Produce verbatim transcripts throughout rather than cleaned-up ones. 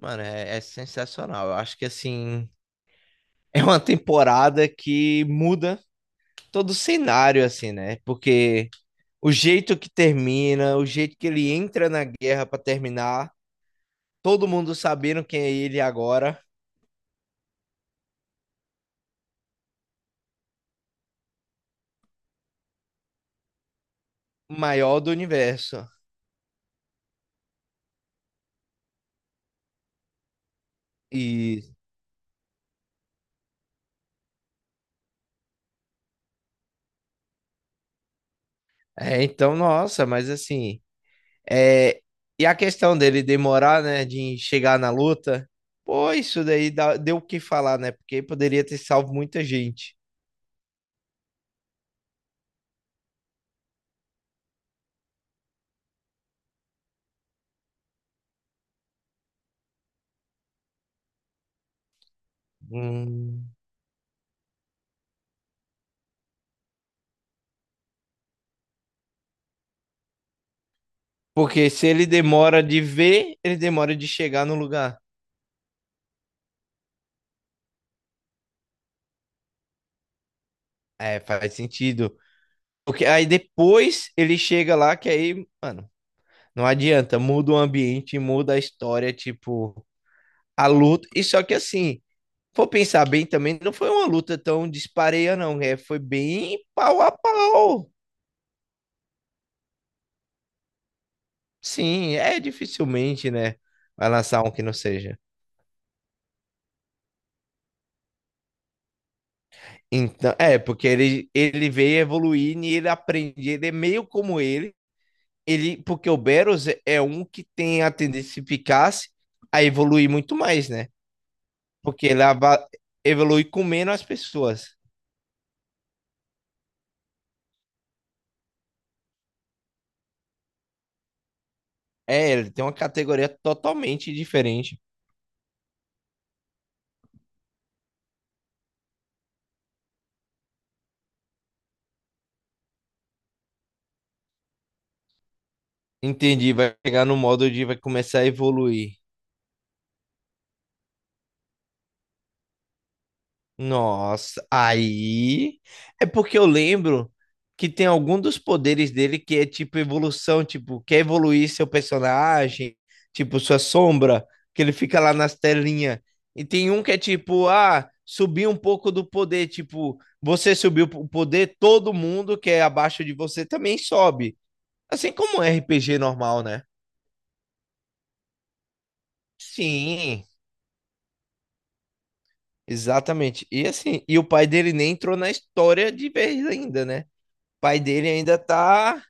Mano, é, é sensacional. Eu acho que assim é uma temporada que muda todo o cenário, assim, né? Porque o jeito que termina, o jeito que ele entra na guerra pra terminar, todo mundo sabendo quem é ele agora, o maior do universo. E é, então, nossa, mas assim, é, e a questão dele demorar, né, de chegar na luta, pô, isso daí dá- deu o que falar, né? Porque poderia ter salvo muita gente. Hum. Porque se ele demora de ver, ele demora de chegar no lugar. É, faz sentido. Porque aí depois ele chega lá, que aí, mano, não adianta. Muda o ambiente, muda a história, tipo, a luta. E só que assim, for pensar bem também, não foi uma luta tão dispareia, não. É, foi bem pau a pau. Sim, é dificilmente, né? Vai lançar um que não seja. Então, é, porque ele, ele veio evoluir e ele aprende. Ele é meio como ele ele, porque o Beros é um que tem a tendência, se ficasse, a evoluir muito mais, né? Porque ele ava- evolui com menos as pessoas. É, ele tem uma categoria totalmente diferente. Entendi, vai chegar no modo de vai começar a evoluir. Nossa, aí é porque eu lembro que tem algum dos poderes dele que é tipo evolução, tipo, quer evoluir seu personagem, tipo sua sombra, que ele fica lá nas telinhas. E tem um que é tipo, ah, subir um pouco do poder, tipo, você subiu o poder, todo mundo que é abaixo de você também sobe. Assim como um R P G normal, né? Sim, exatamente. E assim, e o pai dele nem entrou na história de vez ainda, né? Pai dele ainda tá.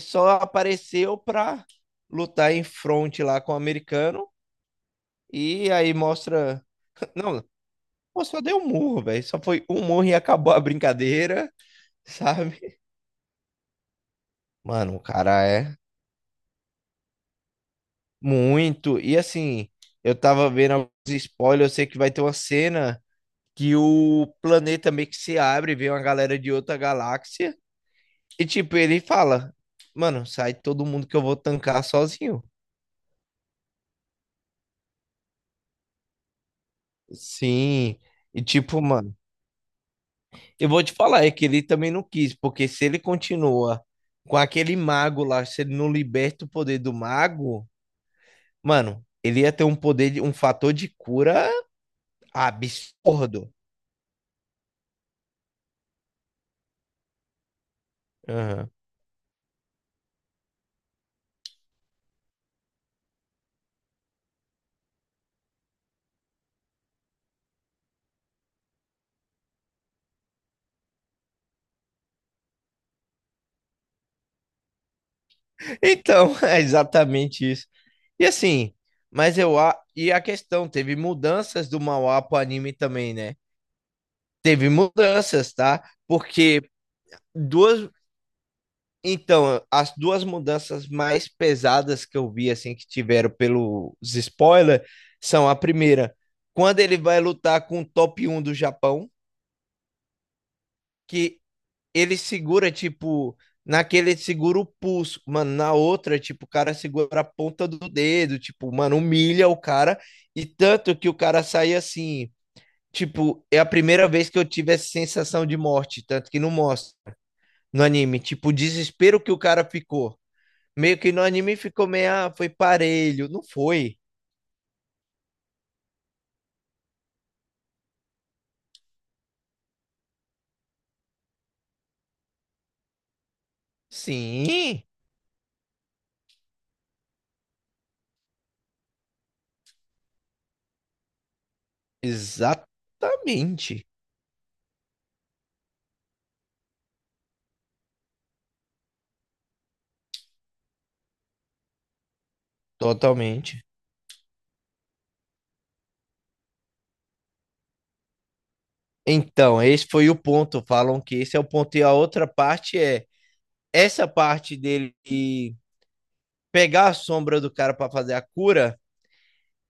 Só apareceu pra lutar em fronte lá com o americano. E aí mostra. Não, pô, só deu um murro, velho. Só foi um murro e acabou a brincadeira, sabe? Mano, o cara é muito. E assim, eu tava vendo alguns spoilers. Eu sei que vai ter uma cena que o planeta meio que se abre, vem uma galera de outra galáxia. E tipo, ele fala: Mano, sai todo mundo que eu vou tancar sozinho. Sim, e tipo, mano, eu vou te falar, é que ele também não quis, porque se ele continua com aquele mago lá, se ele não liberta o poder do mago, mano, ele ia ter um poder, de- um fator de cura absurdo. Aham. Então, é exatamente isso. E assim, mas eu, a- e a questão, teve mudanças do manhwa pro anime também, né? Teve mudanças, tá? Porque duas, então, as duas mudanças mais pesadas que eu vi, assim, que tiveram pelos spoilers, são a primeira, quando ele vai lutar com o top um do Japão, que ele segura, tipo, naquele ele segura o pulso, mano, na outra, tipo, o cara segura a ponta do dedo, tipo, mano, humilha o cara, e tanto que o cara sai assim, tipo, é a primeira vez que eu tive essa sensação de morte, tanto que não mostra no anime, tipo, o desespero que o cara ficou. Meio que no anime ficou meio, ah, foi parelho. Não foi. Sim, exatamente. Totalmente. Então, esse foi o ponto. Falam que esse é o ponto. E a outra parte é essa parte dele de pegar a sombra do cara pra fazer a cura.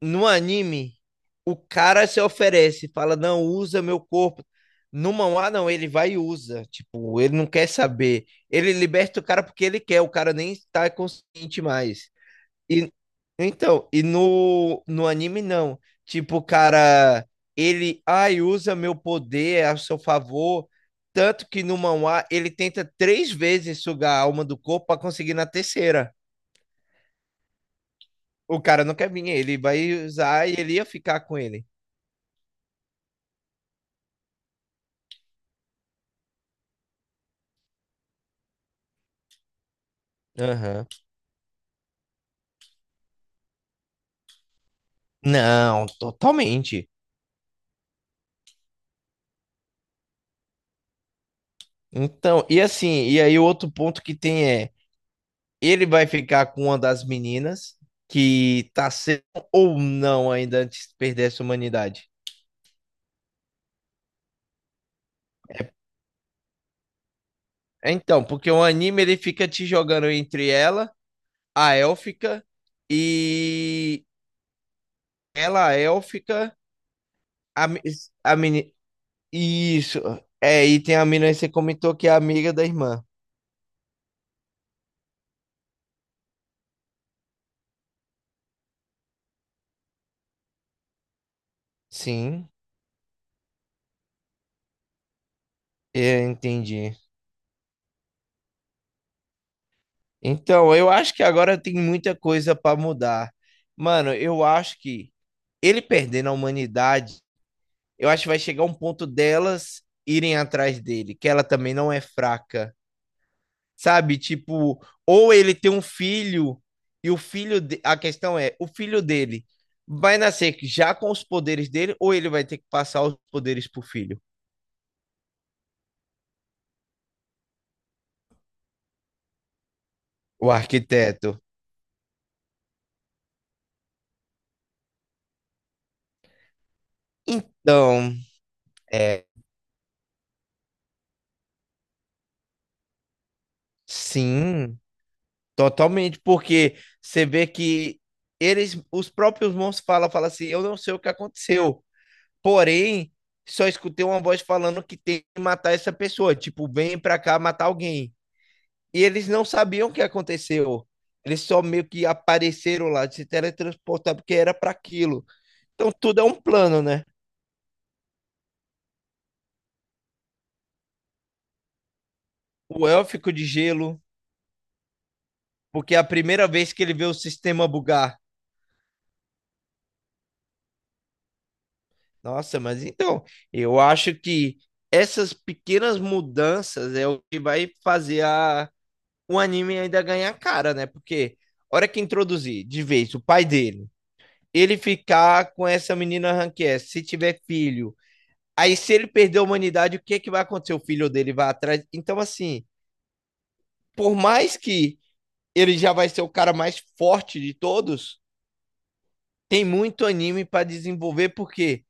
No anime, o cara se oferece, fala: Não, usa meu corpo. No mangá, não, ele vai e usa. Tipo, ele não quer saber. Ele liberta o cara porque ele quer. O cara nem está consciente mais. E, então, e no, no anime não. Tipo, o cara, ele, ai, usa meu poder a seu favor. Tanto que no manhwa ele tenta três vezes sugar a alma do corpo pra conseguir na terceira. O cara não quer vir, ele vai usar e ele ia ficar com ele. Aham. Não, totalmente. Então, e assim, e aí o outro ponto que tem é, ele vai ficar com uma das meninas que tá sendo ou não ainda antes de perder essa humanidade. É, então, porque o anime ele fica te jogando entre ela, a élfica, e ela, a élfica, a, me- a menina. Isso. É, e tem a menina que você comentou que é amiga da irmã. Sim, eu entendi. Então, eu acho que agora tem muita coisa para mudar. Mano, eu acho que ele perdendo a humanidade, eu acho que vai chegar um ponto delas irem atrás dele, que ela também não é fraca. Sabe? Tipo, ou ele tem um filho e o filho de... a questão é, o filho dele vai nascer já com os poderes dele ou ele vai ter que passar os poderes pro filho, o arquiteto. Então, é, sim, totalmente, porque você vê que eles, os próprios monstros falam, falam assim, eu não sei o que aconteceu, porém, só escutei uma voz falando que tem que matar essa pessoa, tipo, vem pra cá matar alguém. E eles não sabiam o que aconteceu. Eles só meio que apareceram lá, se teletransportaram, porque era para aquilo. Então tudo é um plano, né? O élfico de gelo, porque é a primeira vez que ele vê o sistema bugar. Nossa, mas então, eu acho que essas pequenas mudanças é o que vai fazer a, o anime ainda ganhar cara, né? Porque a hora que introduzir de vez o pai dele, ele ficar com essa menina Rank S, se tiver filho, aí, se ele perder a humanidade, o que é que vai acontecer? O filho dele vai atrás. Então, assim, por mais que ele já vai ser o cara mais forte de todos, tem muito anime pra desenvolver, porque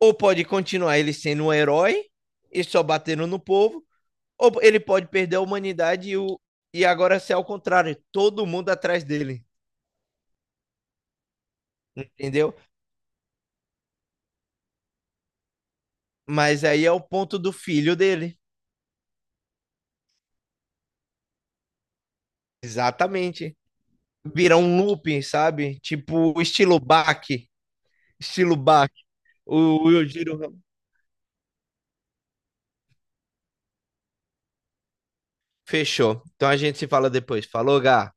ou pode continuar ele sendo um herói e só batendo no povo, ou ele pode perder a humanidade e, o... e agora ser ao contrário, todo mundo atrás dele, entendeu? Mas aí é o ponto do filho dele. Exatamente. Virar um looping, sabe? Tipo, estilo Bach. Estilo Bach. O Will Giro fechou. Então a gente se fala depois. Falou, Gá.